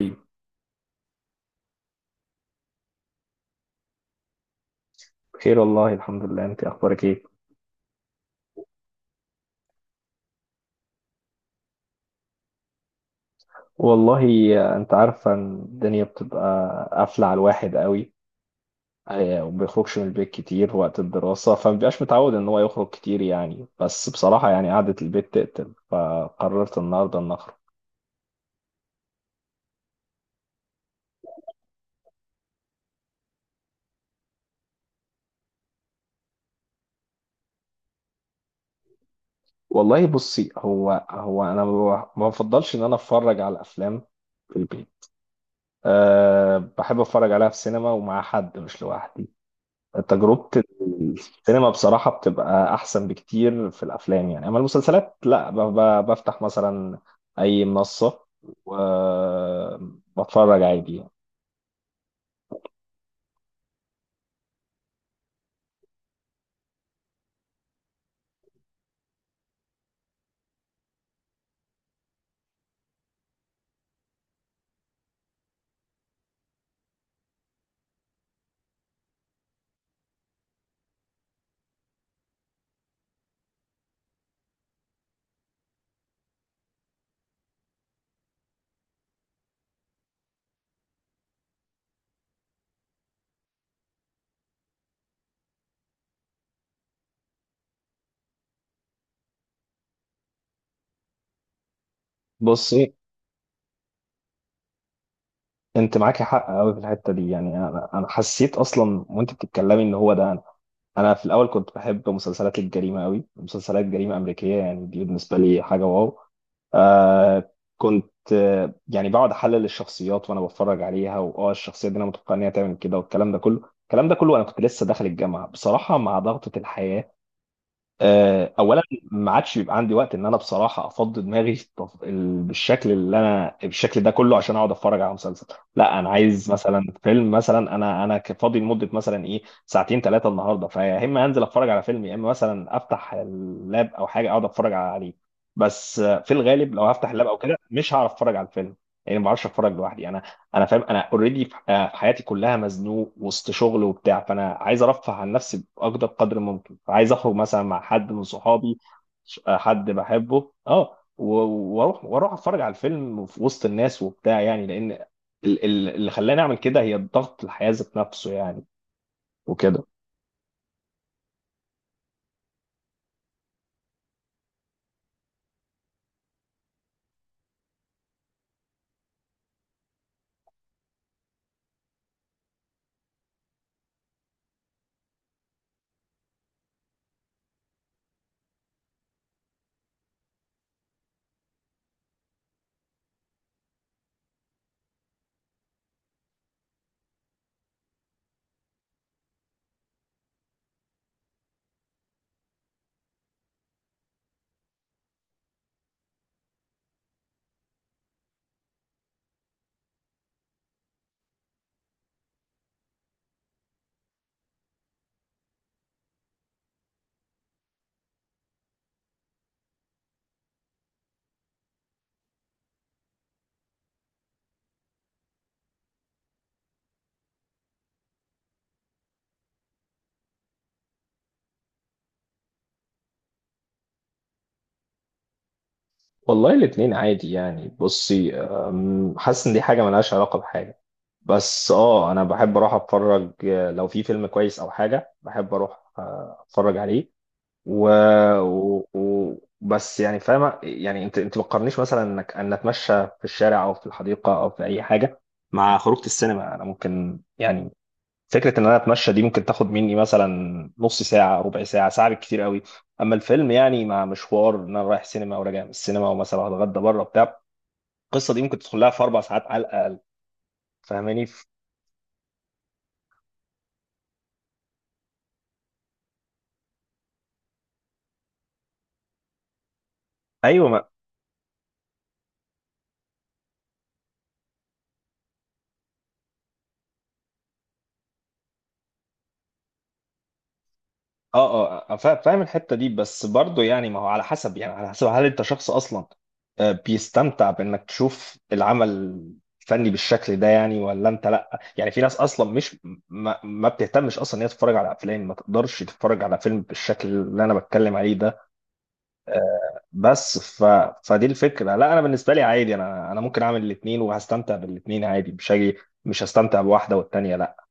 طيب، بخير والله الحمد لله، انت اخبارك ايه؟ والله، انت عارفه ان الدنيا بتبقى قافله على الواحد قوي. وما بيخرجش من البيت كتير وقت الدراسه فما بيبقاش متعود ان هو يخرج كتير يعني، بس بصراحه يعني قعده البيت تقتل، فقررت النهارده ان اخرج. والله بصي، هو انا ما بفضلش ان انا اتفرج على الافلام في البيت. بحب اتفرج عليها في السينما ومع حد مش لوحدي. تجربة السينما بصراحة بتبقى أحسن بكتير في الأفلام، يعني أما المسلسلات لا، بفتح مثلا أي منصة وبتفرج عادي يعني. بصي، أنت معاكي حق أوي في الحتة دي، يعني أنا حسيت أصلا وأنت بتتكلمي إن هو ده أنا. أنا في الأول كنت بحب مسلسلات الجريمة أوي، مسلسلات جريمة أمريكية، يعني دي بالنسبة لي حاجة واو. آه كنت يعني بقعد احلل الشخصيات وانا بتفرج عليها، واه الشخصيه دي انا متوقع ان هي تعمل كده، والكلام ده كله، الكلام ده كله، انا كنت لسه داخل الجامعه بصراحه مع ضغطه الحياه. اولا ما عادش بيبقى عندي وقت ان انا بصراحه افضي دماغي بالشكل اللي انا، بالشكل ده كله، عشان اقعد اتفرج على مسلسل. لا، انا عايز مثلا فيلم، مثلا انا فاضي لمده مثلا ايه ساعتين 3 النهارده، فيا اما انزل اتفرج على فيلم، يا اما مثلا افتح اللاب او حاجه اقعد اتفرج عليه. بس في الغالب لو هفتح اللاب او كده مش هعرف اتفرج على الفيلم، يعني ما بعرفش اتفرج لوحدي انا. انا فاهم، انا اوريدي في حياتي كلها مزنوق وسط شغل وبتاع، فانا عايز ارفه عن نفسي باقدر قدر ممكن. عايز اخرج مثلا مع حد من صحابي، حد بحبه، واروح اتفرج على الفيلم في وسط الناس وبتاع، يعني لان اللي خلاني اعمل كده هي الضغط الحياة ذات نفسه يعني، وكده. والله الاتنين عادي يعني. بصي، حاسس ان دي حاجة ملهاش علاقة بحاجة، بس انا بحب اروح اتفرج، لو في فيلم كويس او حاجة بحب اروح اتفرج عليه. و، و، و، بس يعني فاهمة، يعني انت ما تقارنيش مثلا انك ان اتمشى في الشارع او في الحديقة او في اي حاجة مع خروجة السينما. انا ممكن يعني فكرة ان انا اتمشى دي ممكن تاخد مني مثلا نص ساعة، ربع ساعة، ساعة بالكتير قوي. اما الفيلم يعني مع مشوار ان انا رايح سينما وراجع من السينما، ومثلا هتغدى بره بتاع، القصة دي ممكن تدخل لها في 4 ساعات على الاقل. فاهماني؟ ايوه. فاهم الحته دي، بس برضه يعني ما هو على حسب، يعني على حسب هل انت شخص اصلا بيستمتع بانك تشوف العمل الفني بالشكل ده يعني، ولا انت لا. يعني في ناس اصلا مش ما بتهتمش اصلا ان هي تتفرج على افلام، ما تقدرش تتفرج على فيلم بالشكل اللي انا بتكلم عليه ده. بس ف فدي الفكره، لا انا بالنسبه لي عادي، انا ممكن اعمل الاثنين وهستمتع بالاثنين عادي، مش هاجي مش هستمتع بواحده والتانيه لا.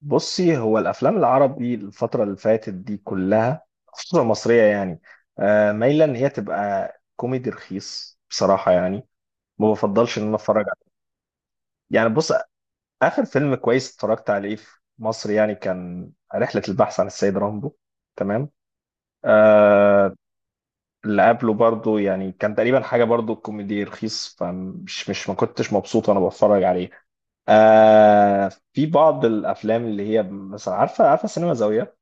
بصي، هو الافلام العربي الفتره اللي فاتت دي كلها خصوصا المصريه يعني مايله ان هي تبقى كوميدي رخيص بصراحه، يعني ما بفضلش ان انا اتفرج عليه. يعني بص، اخر فيلم كويس اتفرجت عليه في مصر يعني كان رحله البحث عن السيد رامبو. تمام. آه اللي قبله برضو يعني كان تقريبا حاجه برضو كوميدي رخيص، فمش مش ما كنتش مبسوط وانا بتفرج عليه. في بعض الافلام اللي هي مثلا، عارفه سينما زاويه؟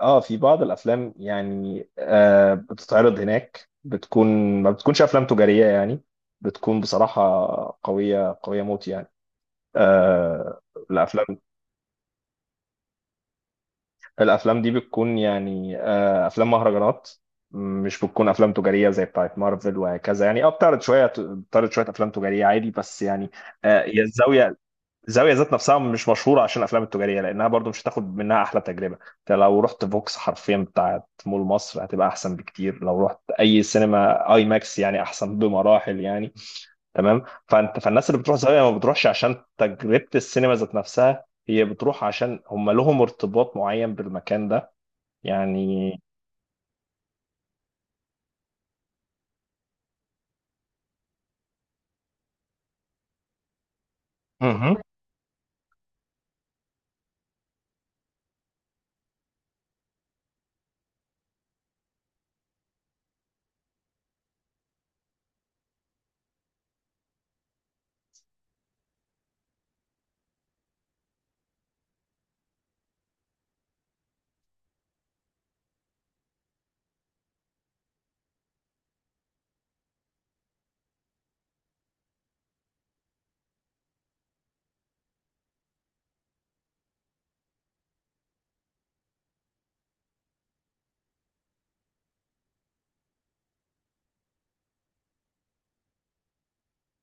اه في بعض الافلام يعني بتتعرض هناك، بتكون، ما بتكونش افلام تجاريه يعني، بتكون بصراحه قويه قويه موت يعني. آه الافلام الافلام دي بتكون يعني افلام مهرجانات، مش بتكون افلام تجاريه زي بتاعت مارفل وهكذا. يعني بتعرض شويه افلام تجاريه عادي، بس يعني هي الزاويه ذات نفسها مش مشهوره عشان الافلام التجاريه، لانها برضو مش هتاخد منها احلى تجربه. انت لو رحت فوكس حرفيا بتاعت مول مصر هتبقى احسن بكتير، لو رحت اي سينما اي ماكس يعني احسن بمراحل يعني. تمام. فالناس اللي بتروح زاويه ما بتروحش عشان تجربه السينما ذات نفسها، هي بتروح عشان هم لهم ارتباط معين بالمكان ده يعني. مهم.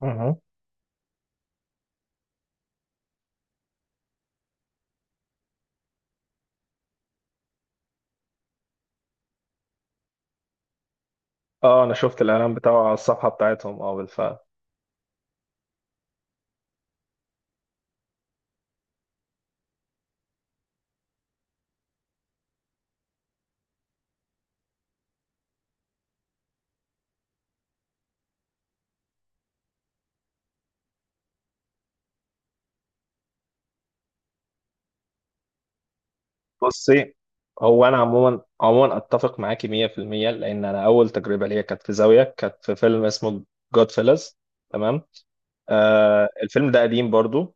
مهم. اه، انا شفت الاعلان بتاعه على الصفحه بتاعتهم، اه بالفعل. بصي، هو انا عموما، عموما اتفق معاكي 100%، لان انا اول تجربه ليا كانت في زاويه، كانت في فيلم اسمه جود فيلز. تمام. الفيلم ده قديم برضو.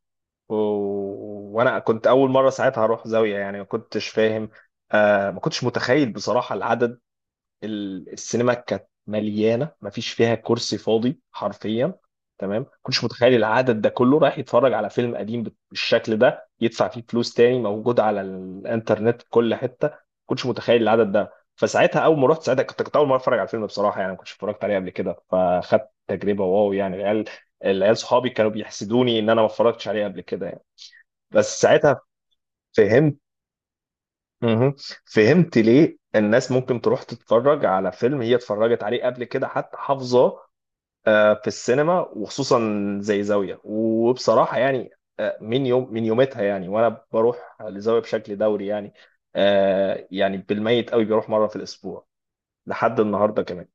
و... وانا كنت اول مره ساعتها اروح زاويه يعني، ما كنتش فاهم. ما كنتش متخيل بصراحه العدد. السينما كانت مليانه، مفيش فيها كرسي فاضي حرفيا. تمام. كنتش متخيل العدد ده كله رايح يتفرج على فيلم قديم بالشكل ده، يدفع فيه فلوس تاني، موجود على الانترنت في كل حته. كنتش متخيل العدد ده. فساعتها اول ما رحت ساعتها كنت اول مره اتفرج على الفيلم بصراحه يعني، ما كنتش اتفرجت عليه قبل كده، فاخدت تجربه واو يعني. العيال صحابي كانوا بيحسدوني ان انا ما اتفرجتش عليه قبل كده يعني. بس ساعتها فهمت. مهم. فهمت ليه الناس ممكن تروح تتفرج على فيلم هي اتفرجت عليه قبل كده حتى حافظاه، في السينما وخصوصا زي زاوية، وبصراحة يعني من يومتها يعني وانا بروح لزاوية بشكل دوري يعني. يعني بالميت قوي بيروح مرة في الاسبوع لحد النهاردة كمان.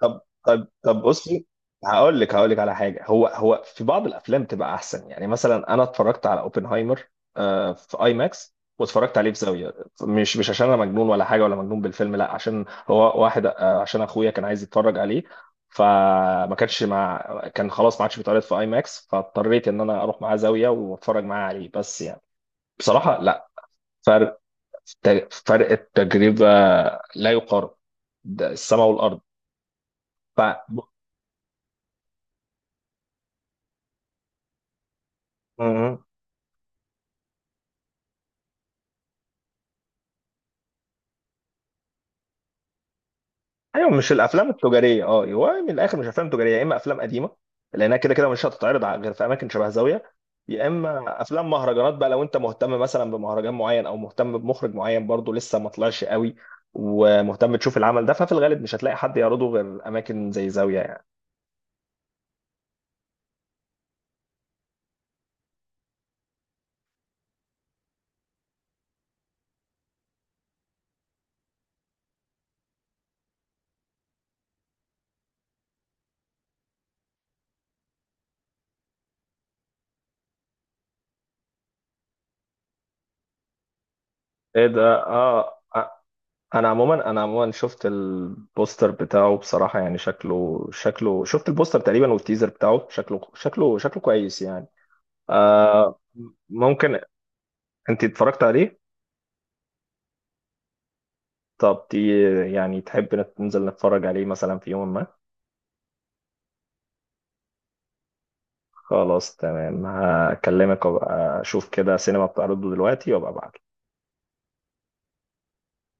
طب، طب، طب، بصي، هقول لك على حاجه. هو في بعض الافلام تبقى احسن، يعني مثلا انا اتفرجت على اوبنهايمر في اي ماكس واتفرجت عليه في زاويه. مش عشان انا مجنون ولا حاجه، ولا مجنون بالفيلم لا، عشان هو واحد عشان اخويا كان عايز يتفرج عليه، فما كانش مع. كان خلاص ما عادش بيتعرض في اي ماكس، فاضطريت ان انا اروح معاه زاويه واتفرج معاه عليه. بس يعني بصراحه، لا فرق. فرق التجربه لا يقارن، ده السماء والارض. ف ايوه، مش الافلام التجاريه. اه، هو من الاخر مش افلام تجاريه، يا اما افلام قديمه لانها كده كده مش هتتعرض غير في اماكن شبه زاويه، يا اما افلام مهرجانات. بقى لو انت مهتم مثلا بمهرجان معين او مهتم بمخرج معين برضه لسه ما طلعش قوي، ومهتم تشوف العمل ده، ففي الغالب مش هتلاقي حد يعرضه غير اماكن زي زاويه يعني. ايه ده؟ اه، آه. انا عموما شفت البوستر بتاعه بصراحه يعني، شكله شفت البوستر تقريبا والتيزر بتاعه، شكله كويس يعني. آه ممكن. انت اتفرجت عليه؟ طب تي، يعني تحب ننزل نتفرج عليه مثلا في يوم ما؟ خلاص تمام، هكلمك وابقى اشوف كده سينما بتعرضه دلوقتي وابقى ابعت.